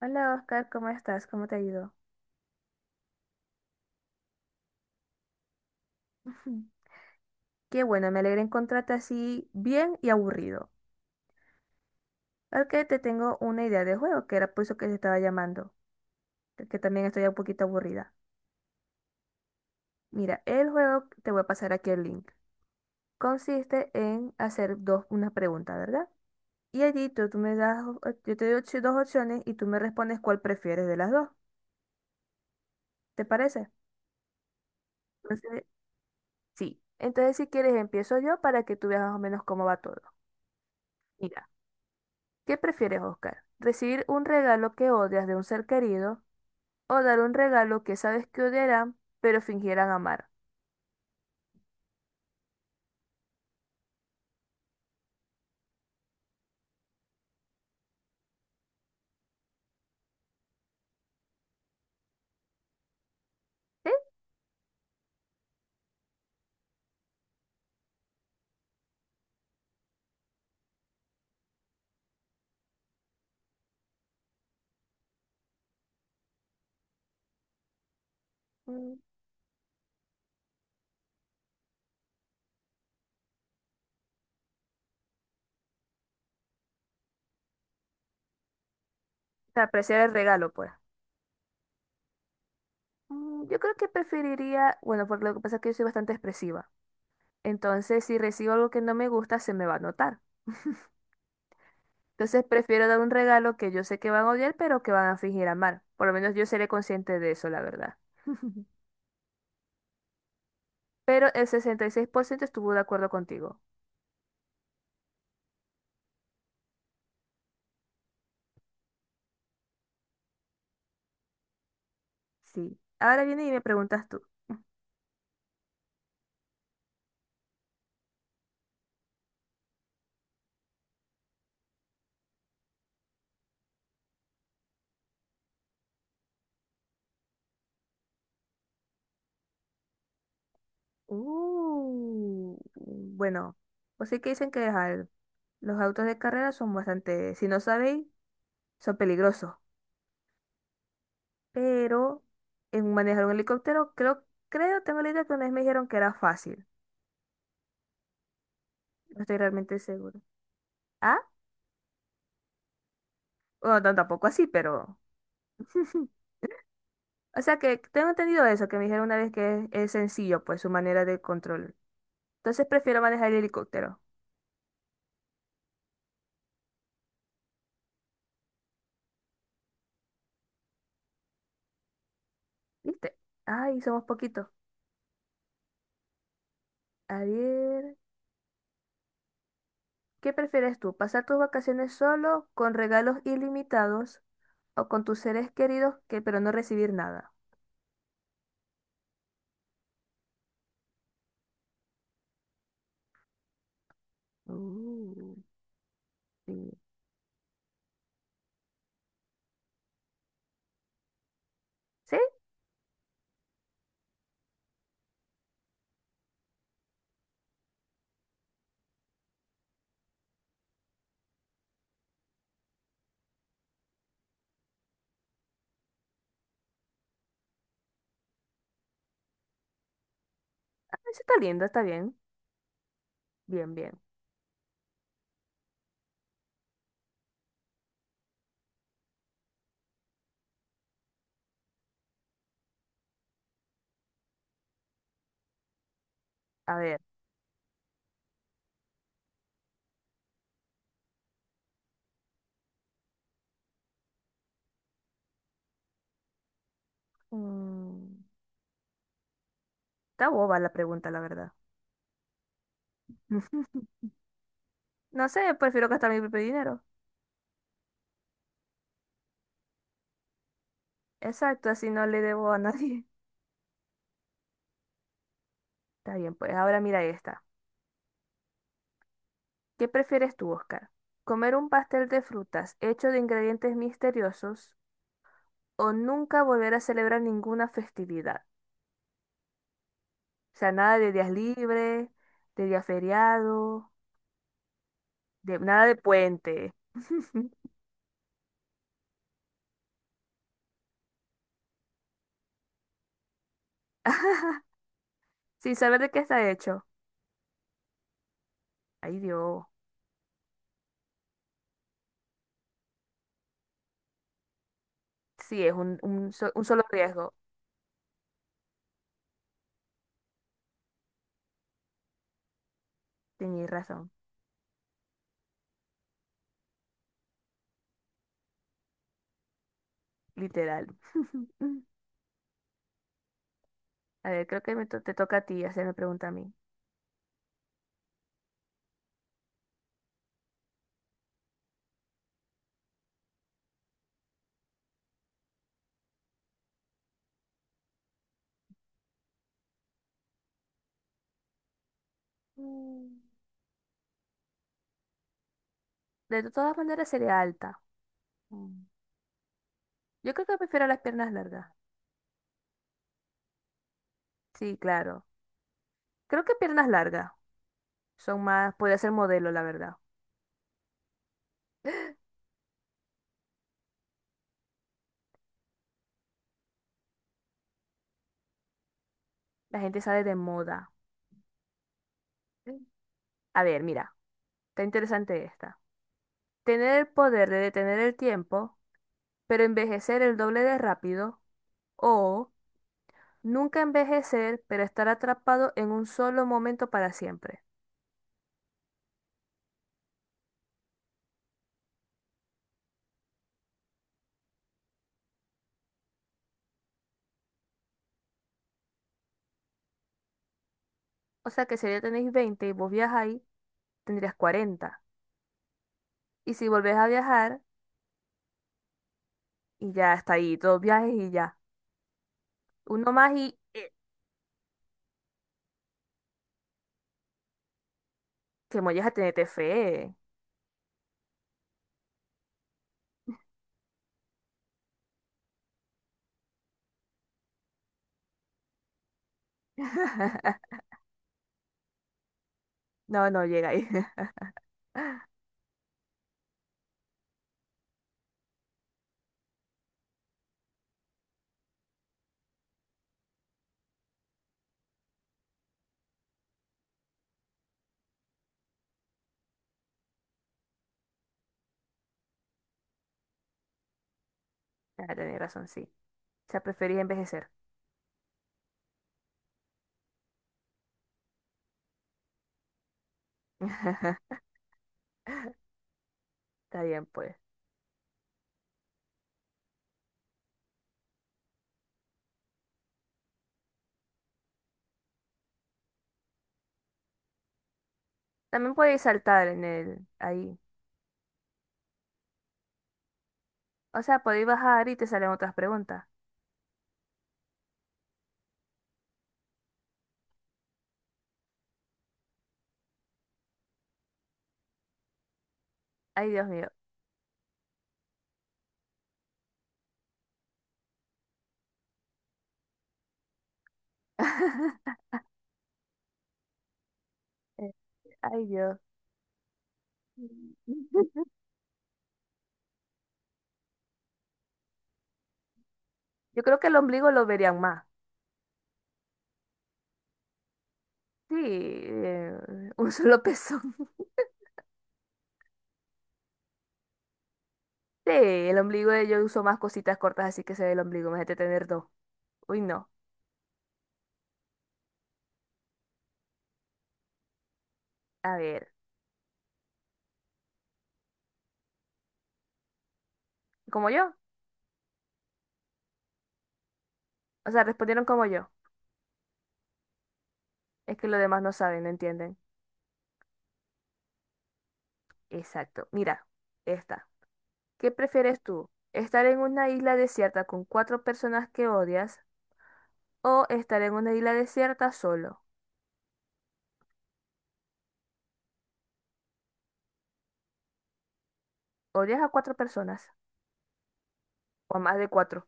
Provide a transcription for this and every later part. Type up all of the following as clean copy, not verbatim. Hola Oscar, ¿cómo estás? ¿Cómo te ha ido? Qué bueno, me alegra encontrarte así bien y aburrido. Ok, te tengo una idea de juego, que era por eso que te estaba llamando, que también estoy un poquito aburrida. Mira, el juego, te voy a pasar aquí el link, consiste en hacer dos, una pregunta, ¿verdad? Y allí tú me das, o- yo te doy opci- dos opciones y tú me respondes cuál prefieres de las dos, ¿te parece? Entonces, sí. Entonces, si quieres, empiezo yo para que tú veas más o menos cómo va todo. Mira. ¿Qué prefieres, Oscar? ¿Recibir un regalo que odias de un ser querido o dar un regalo que sabes que odiarán, pero fingirán amar? ¿Sí? Mm, o sea, apreciar el regalo, pues. Mm, yo creo que preferiría, bueno, porque lo que pasa es que yo soy bastante expresiva. Entonces, si recibo algo que no me gusta, se me va a notar. Entonces, prefiero dar un regalo que yo sé que van a odiar, pero que van a fingir amar. Por lo menos yo seré consciente de eso, la verdad. Pero el 66% estuvo de acuerdo contigo. Sí. Ahora viene y me preguntas tú. Bueno, pues sí que dicen que ajá, los autos de carrera son bastante, si no sabéis, son peligrosos. Pero en manejar un helicóptero, creo, tengo la idea que una vez me dijeron que era fácil. No estoy realmente seguro. Ah, bueno, tan- tampoco así, pero... O sea que tengo entendido eso, que me dijeron una vez que es sencillo, pues su manera de control. Entonces prefiero manejar el helicóptero. ¿Viste? Ay, somos poquitos. A ver. ¿Qué prefieres tú? ¿Pasar tus vacaciones solo, con regalos ilimitados o con tus seres queridos que pero no recibir nada? Uh, sí. ¿Sí? Ah, eso está lindo, está bien. Bien, bien. A ver. Mm, está boba la pregunta, la verdad. No sé, prefiero gastar mi propio dinero. Exacto, así no le debo a nadie. Está bien, pues ahora mira esta. ¿Qué prefieres tú, Oscar? ¿Comer un pastel de frutas hecho de ingredientes misteriosos o nunca volver a celebrar ninguna festividad? O sea, nada de días libres, de día feriado, de, nada de puente. Sin saber de qué está hecho. Ay, Dios. Sí, es un solo riesgo. Tenías razón, literal. A ver, creo que me to- te toca a ti hacerme pregunta a mí. Mm. De todas maneras sería alta. Mm. Yo creo que prefiero las piernas largas. Sí, claro. Creo que piernas largas son más, puede ser modelo, la verdad. La gente sale de moda. Mm. A ver, mira. Está interesante esta. Tener el poder de detener el tiempo, pero envejecer el doble de rápido. O nunca envejecer, pero estar atrapado en un solo momento para siempre. O sea que si ya tenéis 20 y vos viajáis, tendrías 40. Y si volvés a viajar, y ya está ahí, dos viajes y ya. Uno más y que molles a tenerte fe. No, no llega ahí. Ah, tenéis razón, sí. O sea, preferís envejecer. Está bien, pues. También podéis saltar en el ahí. O sea, podéis bajar y te salen otras preguntas. Ay, Dios mío. Eh, Ay, Dios. Yo creo que el ombligo lo verían más. Sí, un solo pezón. Sí, el ombligo yo uso más cositas cortas, así que se ve el ombligo. Imagínate tener dos. Uy, no. A ver, ¿como yo? O sea, respondieron como yo. Es que los demás no saben, no entienden. Exacto. Mira, esta. ¿Qué prefieres tú? ¿Estar en una isla desierta con cuatro personas que odias o estar en una isla desierta solo? Odias a cuatro personas o a más de cuatro.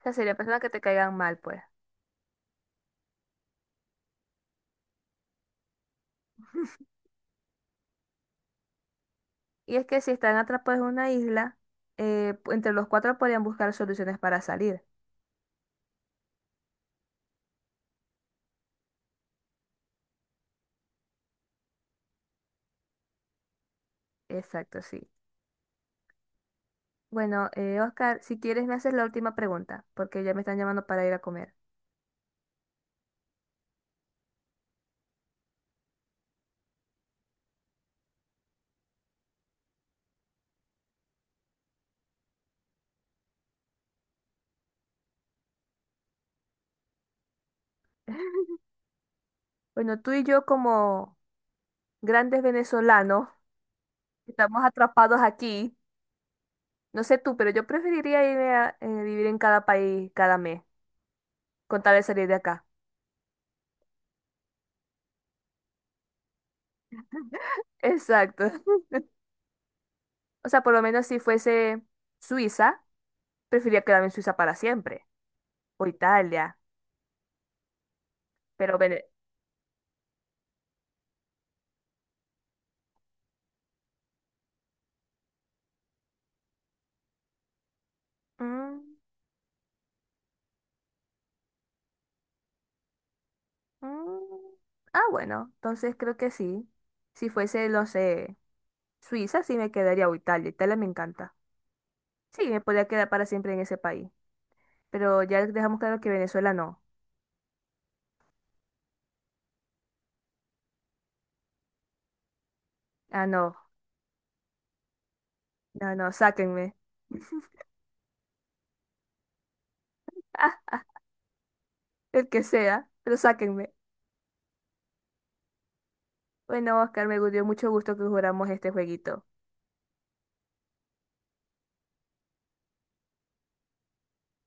O sea, serían personas que te caigan mal, pues. Y es que si están atrapados en una isla, pu- entre los cuatro podrían buscar soluciones para salir. Exacto, sí. Bueno, Oscar, si quieres me haces la última pregunta, porque ya me están llamando para ir a comer. Bueno, tú y yo como grandes venezolanos, estamos atrapados aquí. No sé tú, pero yo preferiría irme a vivir en cada país cada mes, con tal de salir de acá. Exacto. O sea, por lo menos si fuese Suiza, prefería quedarme en Suiza para siempre, o Italia, pero... Vene- Mm, mm. Ah, bueno, entonces creo que sí. Si fuese, no sé, Suiza, sí me quedaría o Italia. Italia me encanta. Sí, me podría quedar para siempre en ese país. Pero ya dejamos claro que Venezuela no. Ah, no, sáquenme. Ah, el que sea, pero sáquenme. Bueno, Oscar, me dio mucho gusto que jugáramos este jueguito.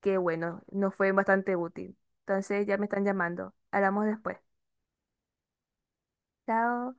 Qué bueno, nos fue bastante útil. Entonces ya me están llamando. Hablamos después. Chao.